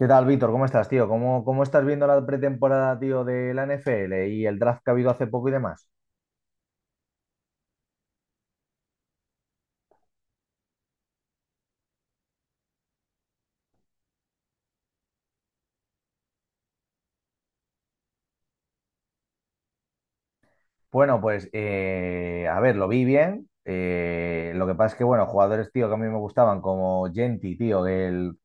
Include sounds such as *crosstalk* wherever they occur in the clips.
¿Qué tal, Víctor? ¿Cómo estás, tío? ¿Cómo estás viendo la pretemporada, tío, de la NFL y el draft que ha habido hace poco y demás? Bueno, pues, a ver, lo vi bien. Lo que pasa es que, bueno, jugadores, tío, que a mí me gustaban, como Genti, tío, el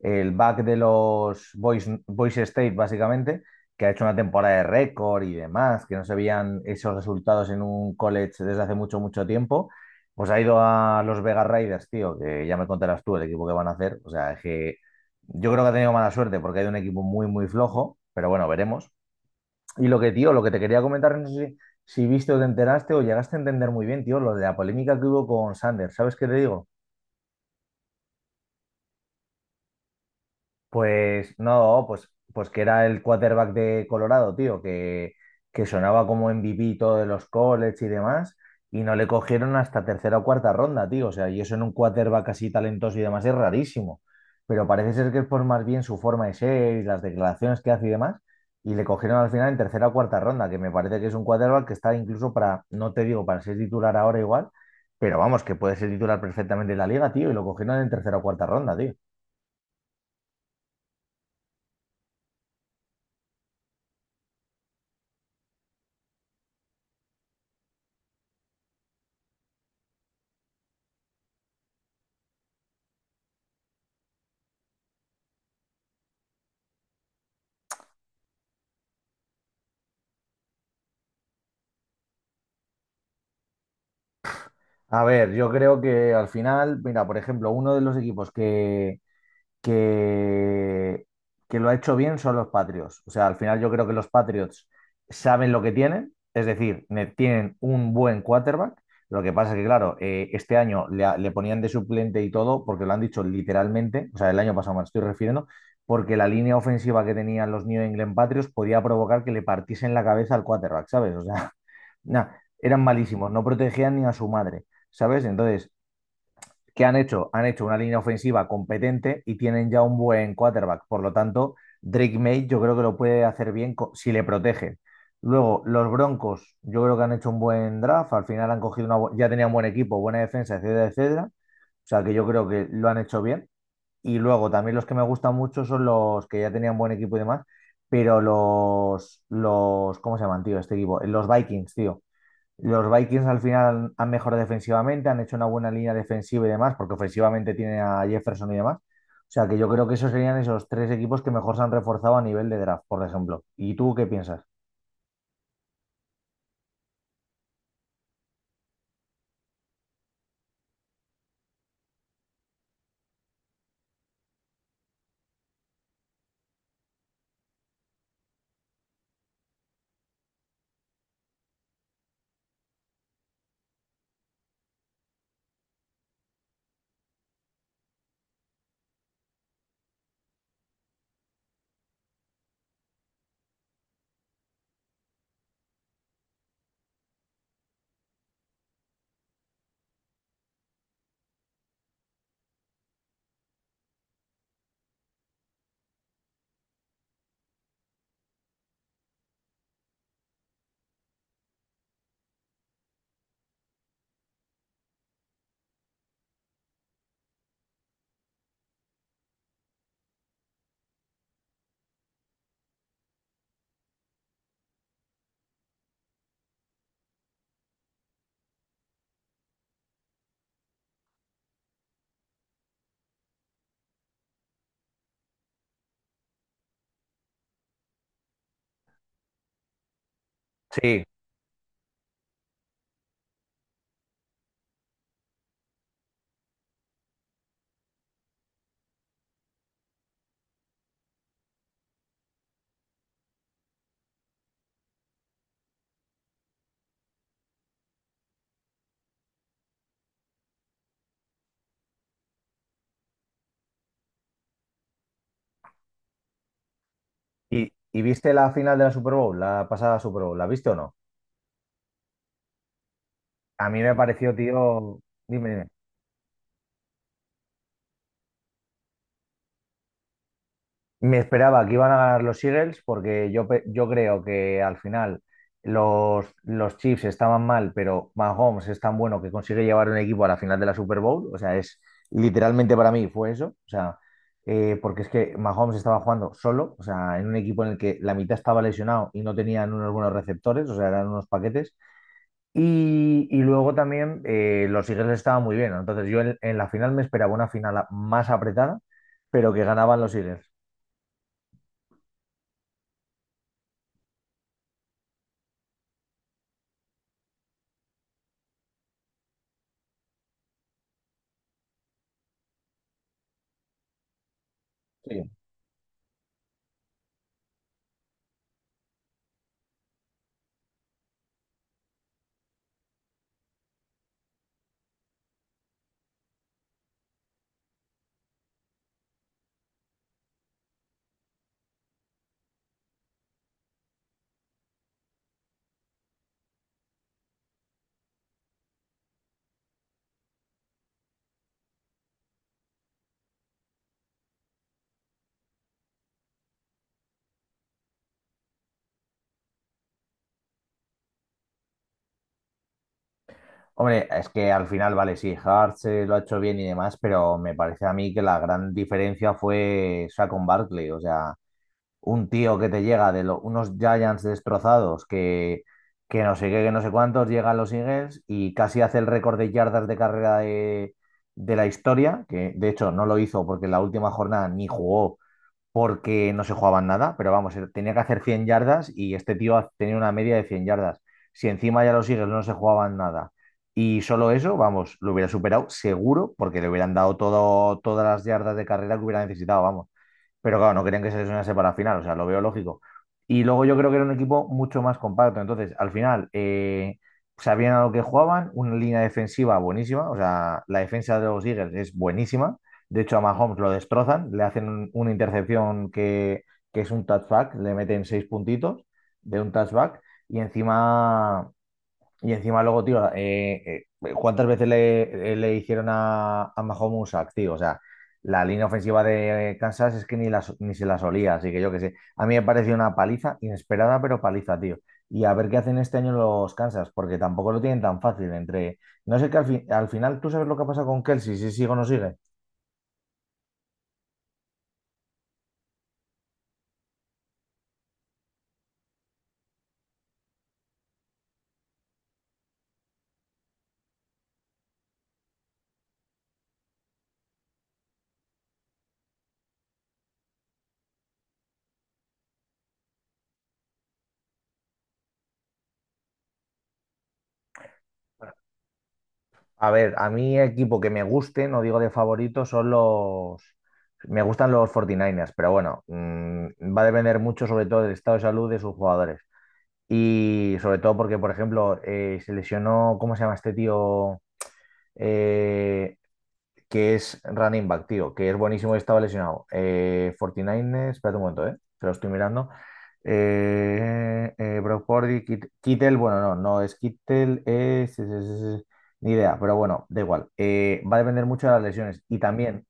el back de los Boys, Boys State, básicamente, que ha hecho una temporada de récord y demás, que no se veían esos resultados en un college desde hace mucho, mucho tiempo. Pues ha ido a los Vegas Raiders, tío, que ya me contarás tú el equipo que van a hacer. O sea, es que yo creo que ha tenido mala suerte porque hay un equipo muy, muy flojo, pero bueno, veremos. Y lo que, tío, lo que te quería comentar, no sé si viste o te enteraste o llegaste a entender muy bien, tío, lo de la polémica que hubo con Sanders. ¿Sabes qué te digo? Pues no, pues, pues que era el quarterback de Colorado, tío, que sonaba como MVP todo de los college y demás, y no le cogieron hasta tercera o cuarta ronda, tío. O sea, y eso en un quarterback así talentoso y demás es rarísimo. Pero parece ser que es por más bien su forma de ser y las declaraciones que hace y demás, y le cogieron al final en tercera o cuarta ronda, que me parece que es un quarterback que está incluso para, no te digo para ser titular ahora igual, pero vamos, que puede ser titular perfectamente en la liga, tío, y lo cogieron en tercera o cuarta ronda, tío. A ver, yo creo que al final, mira, por ejemplo, uno de los equipos que, que lo ha hecho bien son los Patriots. O sea, al final yo creo que los Patriots saben lo que tienen, es decir, tienen un buen quarterback. Lo que pasa es que, claro, este año le ponían de suplente y todo, porque lo han dicho literalmente, o sea, el año pasado me estoy refiriendo, porque la línea ofensiva que tenían los New England Patriots podía provocar que le partiesen la cabeza al quarterback, ¿sabes? O sea, *laughs* nah, eran malísimos, no protegían ni a su madre, ¿sabes? Entonces, ¿qué han hecho? Han hecho una línea ofensiva competente y tienen ya un buen quarterback. Por lo tanto, Drake May yo creo que lo puede hacer bien si le protegen. Luego, los Broncos, yo creo que han hecho un buen draft. Al final han cogido una, ya tenían buen equipo, buena defensa, etcétera, etcétera. O sea que yo creo que lo han hecho bien. Y luego también los que me gustan mucho son los que ya tenían buen equipo y demás. Pero ¿cómo se llaman, tío? Este equipo, los Vikings, tío. Los Vikings al final han mejorado defensivamente, han hecho una buena línea defensiva y demás, porque ofensivamente tiene a Jefferson y demás. O sea que yo creo que esos serían esos tres equipos que mejor se han reforzado a nivel de draft, por ejemplo. ¿Y tú qué piensas? Sí. Y viste la final de la Super Bowl, la pasada Super Bowl? ¿La viste o no? A mí me pareció, tío, dime, dime. Me esperaba que iban a ganar los Eagles porque yo, yo creo que al final los Chiefs estaban mal, pero Mahomes es tan bueno que consigue llevar un equipo a la final de la Super Bowl. O sea, es literalmente para mí fue eso. O sea, porque es que Mahomes estaba jugando solo, o sea, en un equipo en el que la mitad estaba lesionado y no tenían unos buenos receptores, o sea, eran unos paquetes. Y luego también los Eagles estaban muy bien. Entonces yo en la final me esperaba una final más apretada, pero que ganaban los Eagles. Sí. Hombre, es que al final, vale, sí, Hart se lo ha hecho bien y demás, pero me parece a mí que la gran diferencia fue Saquon Barkley, o sea, un tío que te llega de unos Giants destrozados que no sé qué, que no sé cuántos, llegan los Eagles y casi hace el récord de yardas de carrera de la historia, que de hecho no lo hizo porque en la última jornada ni jugó porque no se jugaban nada, pero vamos, tenía que hacer 100 yardas y este tío tenía una media de 100 yardas. Si encima ya los Eagles no se jugaban nada y solo eso, vamos, lo hubiera superado seguro porque le hubieran dado todo, todas las yardas de carrera que hubiera necesitado, vamos. Pero claro, no querían que se lesionase para la final, o sea, lo veo lógico. Y luego yo creo que era un equipo mucho más compacto. Entonces, al final, sabían a lo que jugaban, una línea defensiva buenísima, o sea, la defensa de los Eagles es buenísima de hecho, a Mahomes lo destrozan, le hacen una intercepción que es un touchback, le meten seis puntitos de un touchback y encima, y encima luego, tío, ¿cuántas veces le hicieron a Mahomes un sack, tío? O sea, la línea ofensiva de Kansas es que ni, la, ni se la solía, así que yo qué sé. A mí me pareció una paliza, inesperada, pero paliza, tío. Y a ver qué hacen este año los Kansas, porque tampoco lo tienen tan fácil entre... No sé que al final, ¿tú sabes lo que ha pasado con Kelsey? Si sigue o no sigue. A ver, a mí equipo que me guste, no digo de favorito, son los... Me gustan los 49 niners, pero bueno, mm, va a depender mucho sobre todo del estado de salud de sus jugadores. Y sobre todo porque, por ejemplo, se lesionó, ¿cómo se llama este tío? Eh, que es running back, tío, que es buenísimo y estaba lesionado. 49ers, espérate un momento, te lo estoy mirando. Brock Purdy, Kittel, bueno, no, no es Kittel, ni idea, pero bueno, da igual. Va a depender mucho de las lesiones y también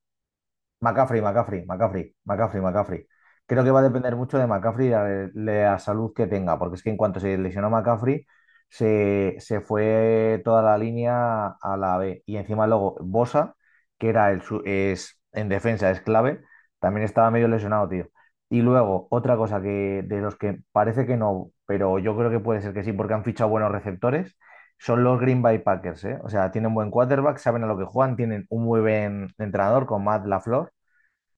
McCaffrey. Creo que va a depender mucho de McCaffrey y la salud que tenga, porque es que en cuanto se lesionó McCaffrey, se fue toda la línea a la B. Y encima luego Bosa, que era en defensa es clave, también estaba medio lesionado, tío. Y luego, otra cosa que de los que parece que no, pero yo creo que puede ser que sí, porque han fichado buenos receptores, son los Green Bay Packers, ¿eh? O sea, tienen buen quarterback, saben a lo que juegan, tienen un muy buen entrenador con Matt LaFleur,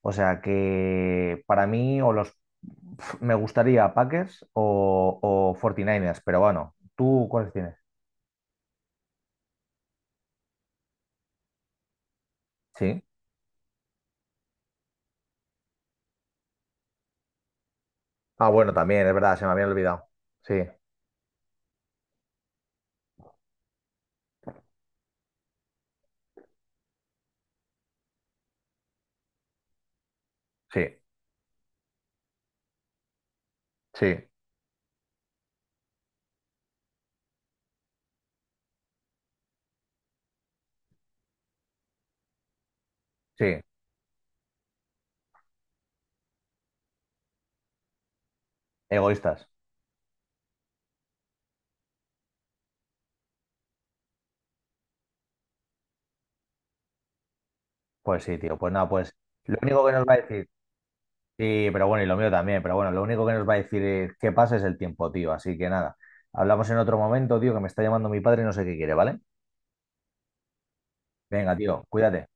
o sea que para mí o los pf, me gustaría Packers o 49ers, pero bueno, ¿tú cuáles tienes? Sí. Ah, bueno, también, es verdad, se me había olvidado. Sí, sí, sí, sí. Egoístas. Pues sí, tío. Pues nada, pues lo único que nos va a decir, sí, pero bueno, y lo mío también, pero bueno, lo único que nos va a decir es que pasa es el tiempo, tío. Así que nada, hablamos en otro momento, tío, que me está llamando mi padre y no sé qué quiere, ¿vale? Venga, tío, cuídate.